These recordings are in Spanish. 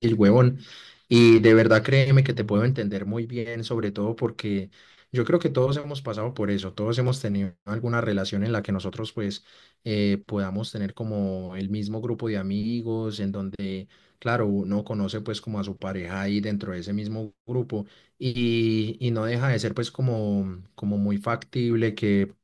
El huevón. Y de verdad créeme que te puedo entender muy bien, sobre todo porque yo creo que todos hemos pasado por eso, todos hemos tenido alguna relación en la que nosotros pues podamos tener como el mismo grupo de amigos, en donde, claro, uno conoce pues como a su pareja ahí dentro de ese mismo grupo y no deja de ser pues como, como muy factible que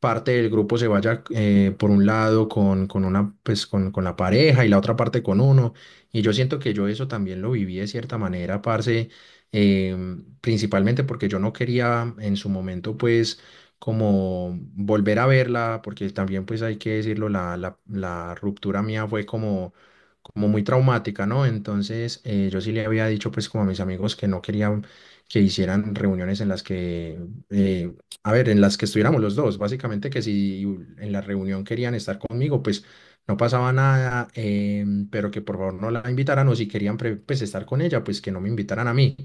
parte del grupo se vaya por un lado con una pues con la pareja y la otra parte con uno. Y yo siento que yo eso también lo viví de cierta manera, parce, principalmente porque yo no quería en su momento, pues, como volver a verla, porque también, pues, hay que decirlo, la ruptura mía fue como, como muy traumática, ¿no? Entonces, yo sí le había dicho, pues, como a mis amigos que no querían que hicieran reuniones en las que, eh, a ver, en las que estuviéramos los dos, básicamente que si en la reunión querían estar conmigo, pues no pasaba nada, pero que por favor no la invitaran o si querían pues, estar con ella, pues que no me invitaran a mí.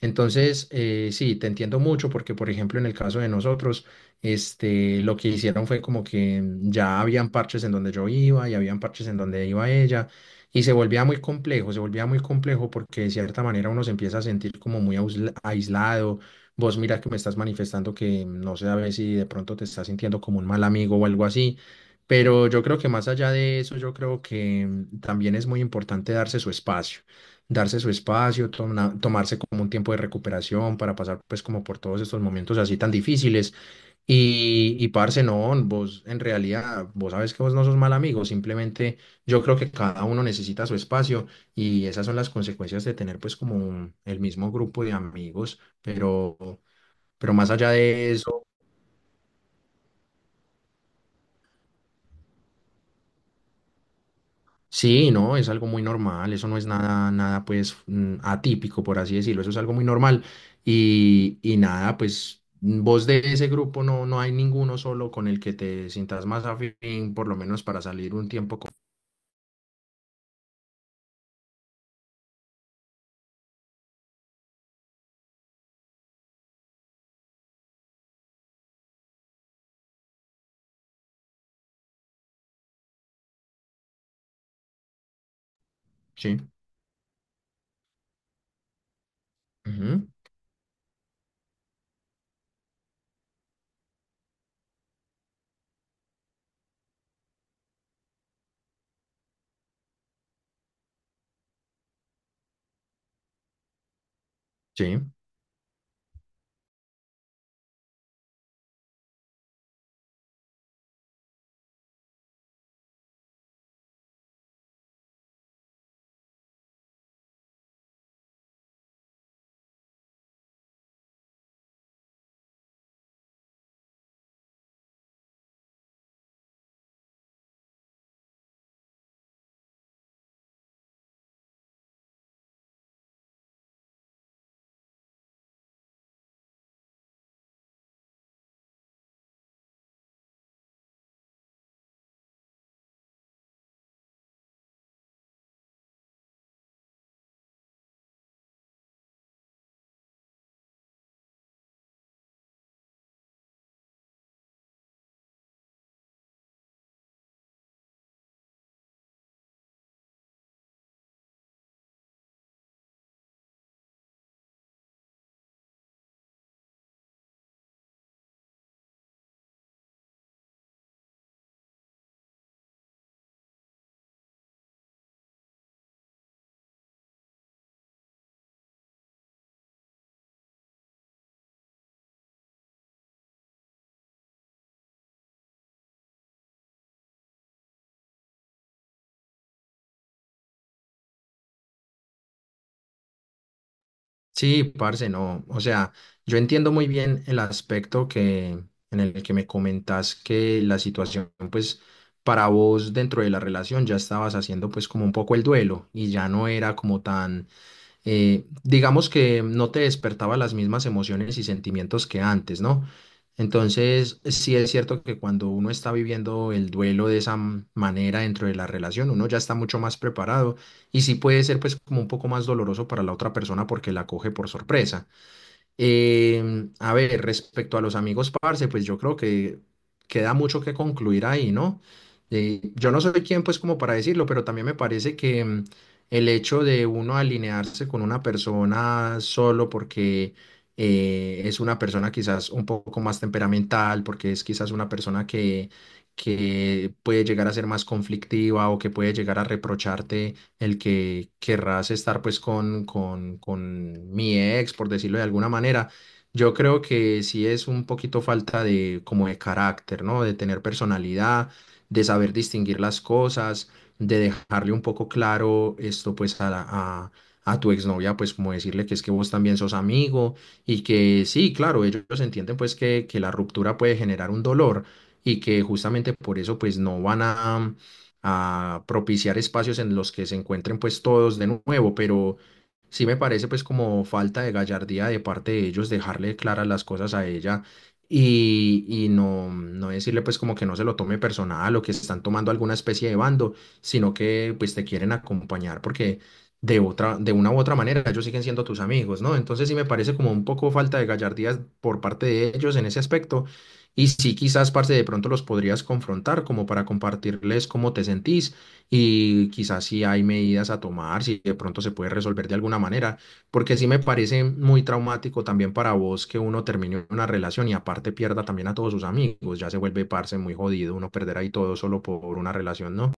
Entonces, sí, te entiendo mucho porque, por ejemplo, en el caso de nosotros, este, lo que hicieron fue como que ya habían parches en donde yo iba y habían parches en donde iba ella y se volvía muy complejo, se volvía muy complejo porque de cierta manera uno se empieza a sentir como muy aislado. Vos mira que me estás manifestando que no sé a ver si de pronto te estás sintiendo como un mal amigo o algo así. Pero yo creo que más allá de eso, yo creo que también es muy importante darse su espacio, tomarse como un tiempo de recuperación para pasar pues como por todos estos momentos así tan difíciles. Y parce, no, vos en realidad, vos sabes que vos no sos mal amigo, simplemente yo creo que cada uno necesita su espacio y esas son las consecuencias de tener pues como el mismo grupo de amigos, pero... Pero más allá de eso, sí, no, es algo muy normal, eso no es nada, nada pues atípico, por así decirlo, eso es algo muy normal. Y nada, pues vos de ese grupo no, no hay ninguno solo con el que te sientas más afín, por lo menos para salir un tiempo con... Sí, ujú, sí, sí, parce, no, o sea, yo entiendo muy bien el aspecto que, en el que me comentas que la situación pues para vos dentro de la relación ya estabas haciendo pues como un poco el duelo y ya no era como tan digamos que no te despertaba las mismas emociones y sentimientos que antes, ¿no? Entonces, sí es cierto que cuando uno está viviendo el duelo de esa manera dentro de la relación, uno ya está mucho más preparado y sí puede ser pues como un poco más doloroso para la otra persona porque la coge por sorpresa. A ver, respecto a los amigos, parce, pues yo creo que queda mucho que concluir ahí, ¿no? Yo no soy quien, pues, como para decirlo, pero también me parece que el hecho de uno alinearse con una persona solo porque es una persona quizás un poco más temperamental, porque es quizás una persona que puede llegar a ser más conflictiva o que puede llegar a reprocharte el que querrás estar pues con mi ex, por decirlo de alguna manera. Yo creo que sí es un poquito falta de como de carácter, ¿no? De tener personalidad, de saber distinguir las cosas, de dejarle un poco claro esto pues a tu exnovia, pues como decirle que es que vos también sos amigo y que sí, claro, ellos entienden pues que la ruptura puede generar un dolor y que justamente por eso pues no van a propiciar espacios en los que se encuentren pues todos de nuevo, pero sí me parece pues como falta de gallardía de parte de ellos dejarle claras las cosas a ella y no, no decirle pues como que no se lo tome personal o que están tomando alguna especie de bando, sino que pues te quieren acompañar porque de una u otra manera ellos siguen siendo tus amigos, ¿no? Entonces sí me parece como un poco falta de gallardía por parte de ellos en ese aspecto y sí, quizás, parce, de pronto los podrías confrontar como para compartirles cómo te sentís y quizás si hay medidas a tomar, si de pronto se puede resolver de alguna manera, porque sí me parece muy traumático también para vos que uno termine una relación y aparte pierda también a todos sus amigos, ya se vuelve, parce, muy jodido uno perder ahí todo solo por una relación, ¿no?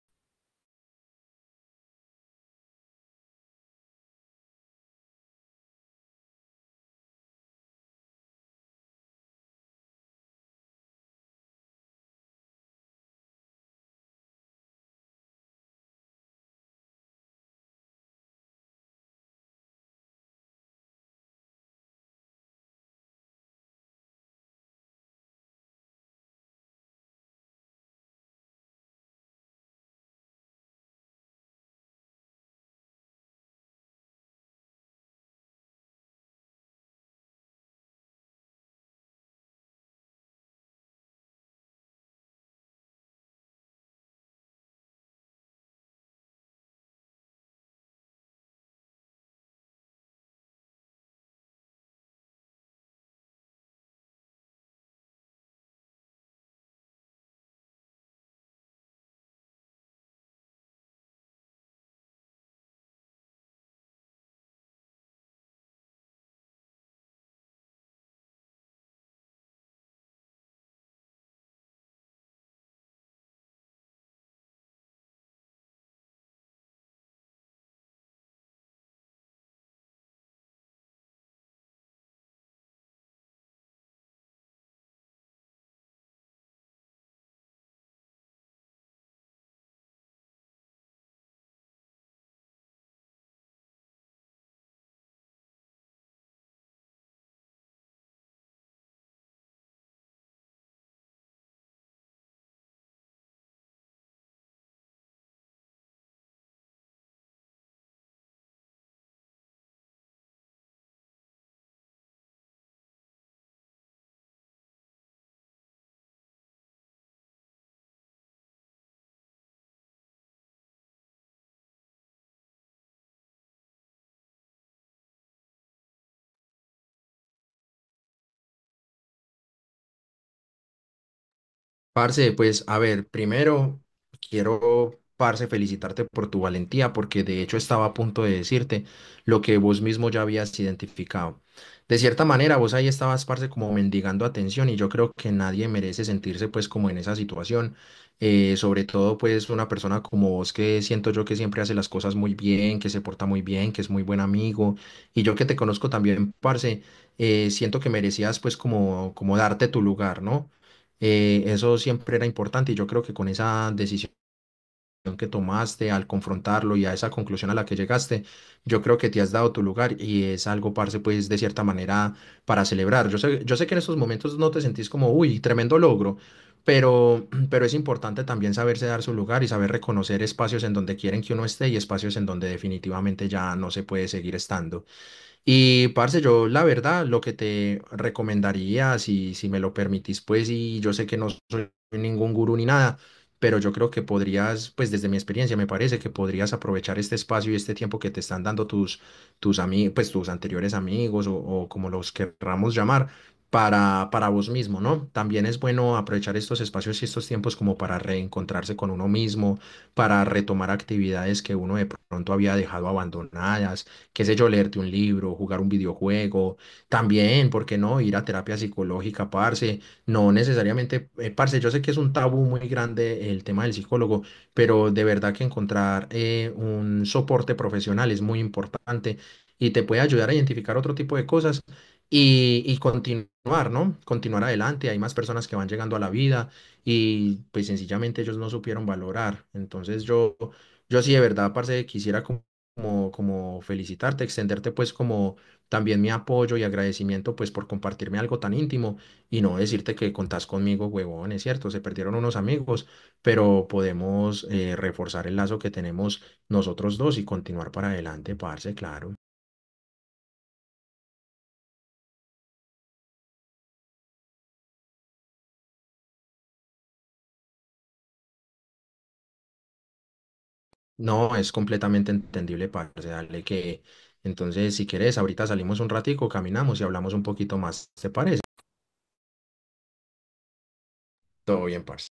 Parce, pues a ver, primero quiero, parce, felicitarte por tu valentía, porque de hecho estaba a punto de decirte lo que vos mismo ya habías identificado. De cierta manera, vos ahí estabas, parce, como mendigando atención y yo creo que nadie merece sentirse pues como en esa situación, sobre todo pues una persona como vos que siento yo que siempre hace las cosas muy bien, que se porta muy bien, que es muy buen amigo y yo que te conozco también, parce, siento que merecías pues como, como darte tu lugar, ¿no? Eso siempre era importante y yo creo que con esa decisión que tomaste, al confrontarlo y a esa conclusión a la que llegaste, yo creo que te has dado tu lugar y es algo, parce, pues de cierta manera para celebrar. Yo sé que en estos momentos no te sentís como, uy, tremendo logro, pero, pero es importante también saberse dar su lugar y saber reconocer espacios en donde quieren que uno esté y espacios en donde definitivamente ya no se puede seguir estando. Y parce, yo la verdad lo que te recomendaría, si me lo permitís, pues, y yo sé que no soy ningún gurú ni nada, pero yo creo que podrías, pues desde mi experiencia me parece que podrías aprovechar este espacio y este tiempo que te están dando tus amigos, pues tus anteriores amigos o como los querramos llamar, para vos mismo, ¿no? También es bueno aprovechar estos espacios y estos tiempos como para reencontrarse con uno mismo, para retomar actividades que uno de pronto había dejado abandonadas qué sé yo, leerte un libro, jugar un videojuego, también, ¿por qué no? Ir a terapia psicológica, parce, no necesariamente, parce, yo sé que es un tabú muy grande el tema del psicólogo, pero de verdad que encontrar un soporte profesional es muy importante y te puede ayudar a identificar otro tipo de cosas y continuar, ¿no? Continuar adelante, hay más personas que van llegando a la vida y pues sencillamente ellos no supieron valorar. Entonces yo sí de verdad, parce, quisiera como, como felicitarte, extenderte pues como también mi apoyo y agradecimiento pues por compartirme algo tan íntimo y no decirte que contás conmigo, huevón, es cierto, se perdieron unos amigos, pero podemos reforzar el lazo que tenemos nosotros dos y continuar para adelante, parce, claro. No, es completamente entendible, parce, dale que... Entonces, si querés, ahorita salimos un ratico, caminamos y hablamos un poquito más, ¿te parece? Todo bien, parce.